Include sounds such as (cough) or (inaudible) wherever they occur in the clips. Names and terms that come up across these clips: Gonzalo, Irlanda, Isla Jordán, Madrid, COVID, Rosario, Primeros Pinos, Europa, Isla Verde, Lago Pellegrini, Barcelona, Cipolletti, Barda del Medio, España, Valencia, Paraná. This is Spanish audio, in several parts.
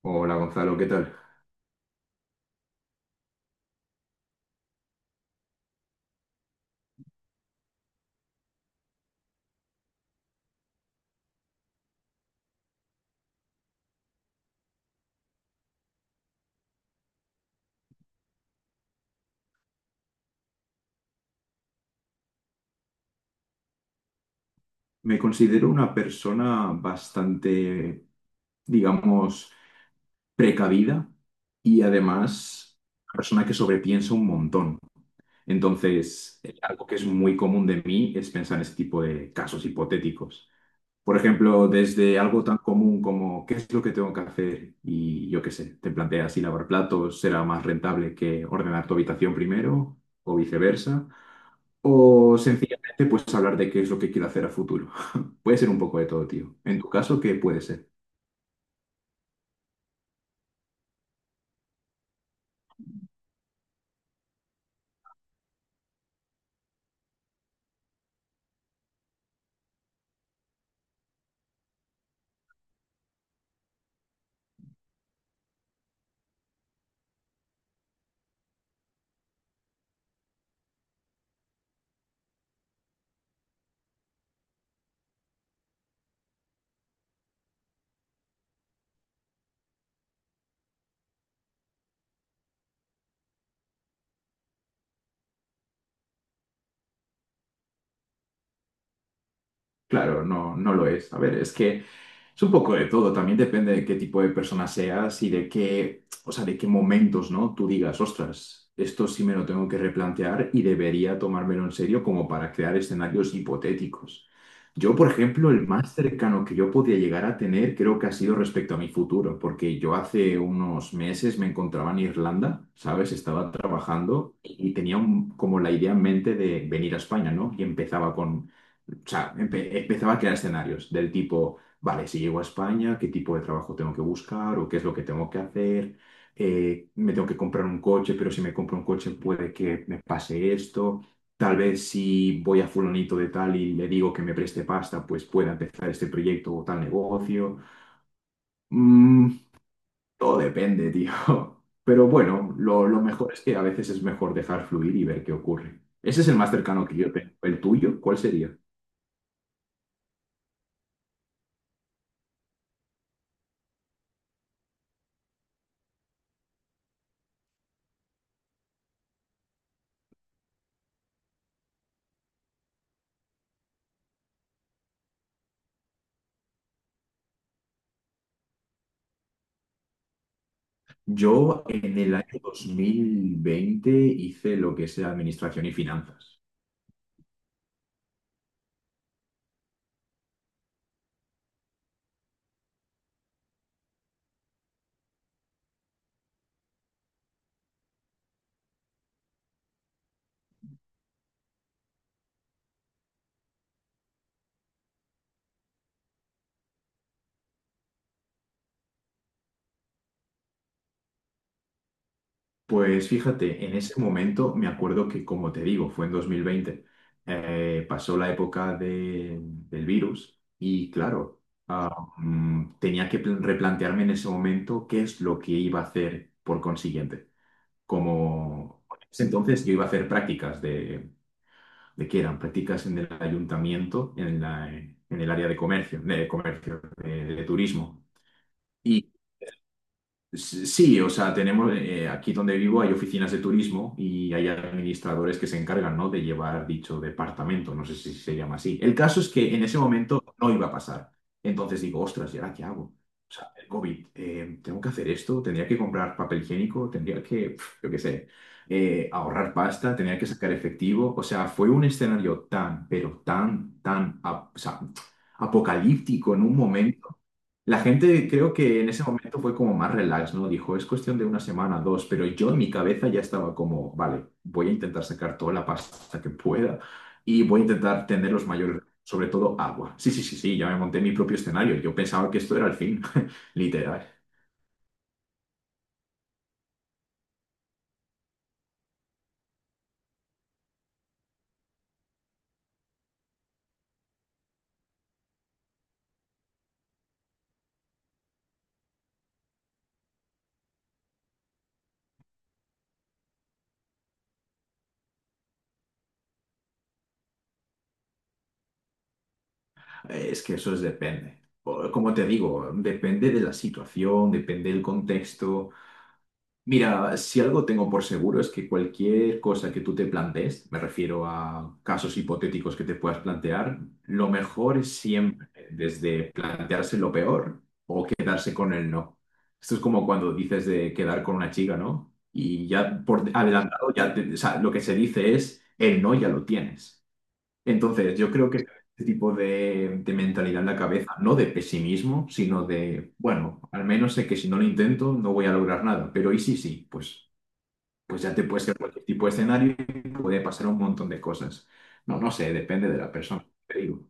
Hola Gonzalo, ¿qué tal? Me considero una persona bastante, digamos, precavida y además una persona que sobrepiensa un montón. Entonces, algo que es muy común de mí es pensar en este tipo de casos hipotéticos. Por ejemplo, desde algo tan común como ¿qué es lo que tengo que hacer? Y yo qué sé, te planteas si lavar platos será más rentable que ordenar tu habitación primero o viceversa. O sencillamente, pues hablar de qué es lo que quiero hacer a futuro. (laughs) Puede ser un poco de todo, tío. En tu caso, ¿qué puede ser? Claro, no, no lo es. A ver, es que es un poco de todo, también depende de qué tipo de persona seas y de qué, o sea, de qué momentos, ¿no? Tú digas, ostras, esto sí me lo tengo que replantear y debería tomármelo en serio como para crear escenarios hipotéticos. Yo, por ejemplo, el más cercano que yo podía llegar a tener creo que ha sido respecto a mi futuro, porque yo hace unos meses me encontraba en Irlanda, ¿sabes? Estaba trabajando y tenía como la idea en mente de venir a España, ¿no? Y empezaba con, o sea, empezaba a crear escenarios del tipo, vale, si llego a España, ¿qué tipo de trabajo tengo que buscar o qué es lo que tengo que hacer? Me tengo que comprar un coche, pero si me compro un coche puede que me pase esto. Tal vez si voy a fulanito de tal y le digo que me preste pasta, pues pueda empezar este proyecto o tal negocio. Mm, todo depende, tío. (laughs) Pero bueno, lo mejor es que a veces es mejor dejar fluir y ver qué ocurre. Ese es el más cercano que yo tengo. ¿El tuyo? ¿Cuál sería? Yo en el año 2020 hice lo que es administración y finanzas. Pues fíjate, en ese momento me acuerdo que, como te digo, fue en 2020. Pasó la época del virus y claro, tenía que replantearme en ese momento qué es lo que iba a hacer por consiguiente. Como entonces yo iba a hacer prácticas de que eran prácticas en el ayuntamiento, en el área de comercio, de turismo. Y sí, o sea, tenemos, aquí donde vivo hay oficinas de turismo y hay administradores que se encargan, ¿no?, de llevar dicho departamento, no sé si se llama así. El caso es que en ese momento no iba a pasar. Entonces digo, ostras, ¿y ahora qué hago? O sea, el COVID, ¿tengo que hacer esto? ¿Tendría que comprar papel higiénico? ¿Tendría que, pf, yo qué sé, ahorrar pasta? ¿Tendría que sacar efectivo? O sea, fue un escenario tan, pero tan, tan, o sea, apocalíptico en un momento. La gente creo que en ese momento fue como más relax, ¿no? Dijo, es cuestión de una semana, dos, pero yo en mi cabeza ya estaba como, vale, voy a intentar sacar toda la pasta que pueda y voy a intentar tener los mayores, sobre todo agua. Sí, sí, sí, sí, ya me monté mi propio escenario. Yo pensaba que esto era el fin, (laughs) literal. Es que eso es depende. O, como te digo, depende de la situación, depende del contexto. Mira, si algo tengo por seguro es que cualquier cosa que tú te plantees, me refiero a casos hipotéticos que te puedas plantear, lo mejor es siempre, desde plantearse lo peor, quedarse con el no. Esto es como cuando dices de quedar con una chica, ¿no? Y ya por adelantado, ya o sea, lo que se dice es, el no ya lo tienes. Entonces, yo creo que este tipo de mentalidad en la cabeza, no de pesimismo, sino de, bueno, al menos sé que si no lo intento no voy a lograr nada, pero y sí, sí, pues, pues ya te puede ser cualquier tipo de escenario y puede pasar un montón de cosas. No, no sé, depende de la persona, te digo.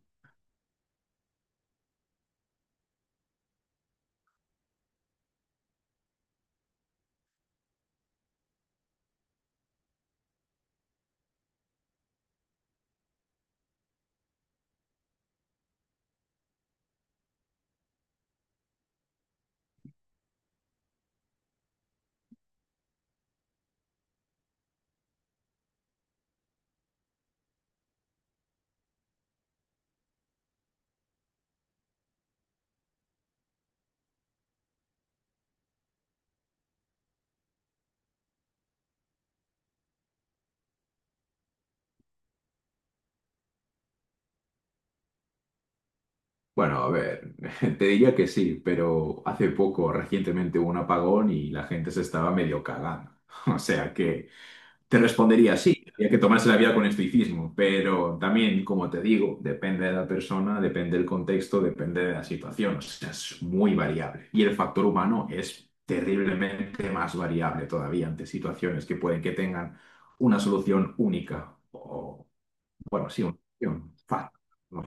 Bueno, a ver, (laughs) te diría que sí, pero hace poco, recientemente hubo un apagón y la gente se estaba medio cagando. (laughs) O sea que... te respondería sí, había que tomarse la vida con estoicismo, pero también, como te digo, depende de la persona, depende del contexto, depende de la situación, o sea, es muy variable. Y el factor humano es terriblemente más variable todavía ante situaciones que pueden que tengan una solución única o, bueno, sí, una solución fácil. ¿No?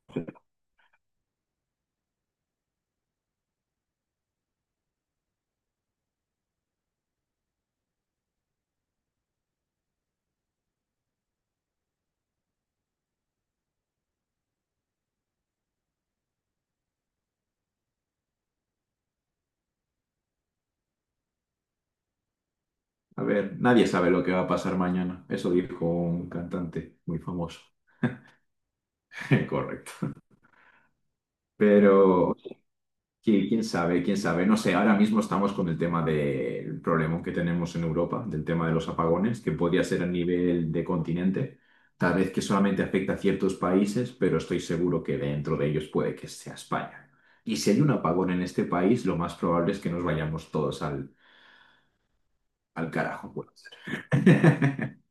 A ver, nadie sabe lo que va a pasar mañana, eso dijo un cantante muy famoso. (laughs) Correcto. Pero, sí, quién sabe, quién sabe. No sé, ahora mismo estamos con el tema del problema que tenemos en Europa, del tema de los apagones, que podría ser a nivel de continente, tal vez que solamente afecta a ciertos países, pero estoy seguro que dentro de ellos puede que sea España. Y si hay un apagón en este país, lo más probable es que nos vayamos todos al, al carajo, puede ser. (laughs)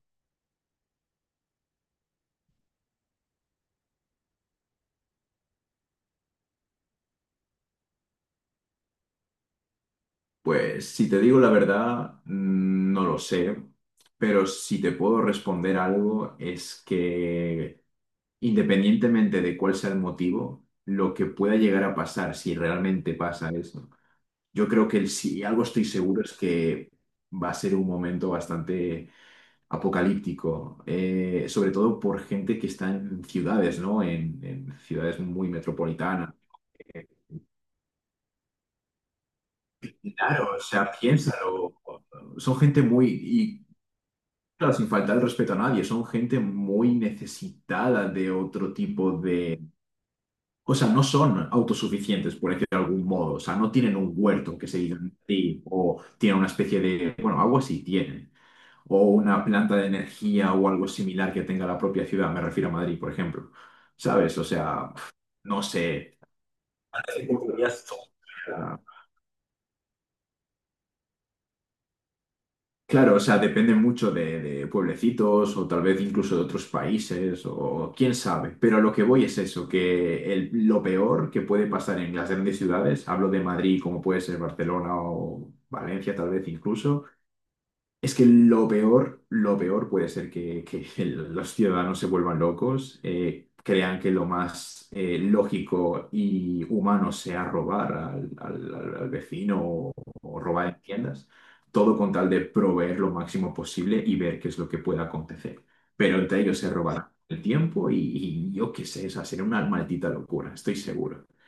Pues si te digo la verdad, no lo sé, pero si te puedo responder algo es que... independientemente de cuál sea el motivo, lo que pueda llegar a pasar, si realmente pasa eso, yo creo que si algo estoy seguro es que va a ser un momento bastante apocalíptico, sobre todo por gente que está en ciudades, ¿no? En ciudades muy metropolitanas. Claro, o sea, piénsalo. Son gente muy, y claro, sin faltar el respeto a nadie, son gente muy necesitada de otro tipo. O sea, no son autosuficientes, por decirlo de algún modo. O sea, no tienen un huerto que se digan sí, o tienen una especie de, bueno, agua sí tienen, o una planta de energía o algo similar que tenga la propia ciudad, me refiero a Madrid, por ejemplo. ¿Sabes? O sea, no sé. Claro, o sea, depende mucho de pueblecitos o tal vez incluso de otros países o quién sabe. Pero a lo que voy es eso, que lo peor que puede pasar en las grandes ciudades, hablo de Madrid como puede ser Barcelona o Valencia tal vez incluso, es que lo peor puede ser que (laughs) los ciudadanos se vuelvan locos, crean que lo más, lógico y humano sea robar al, al vecino o robar en tiendas, todo con tal de proveer lo máximo posible y ver qué es lo que pueda acontecer. Pero entre ellos se robarán el tiempo y yo qué sé, esa sería una maldita locura, estoy seguro.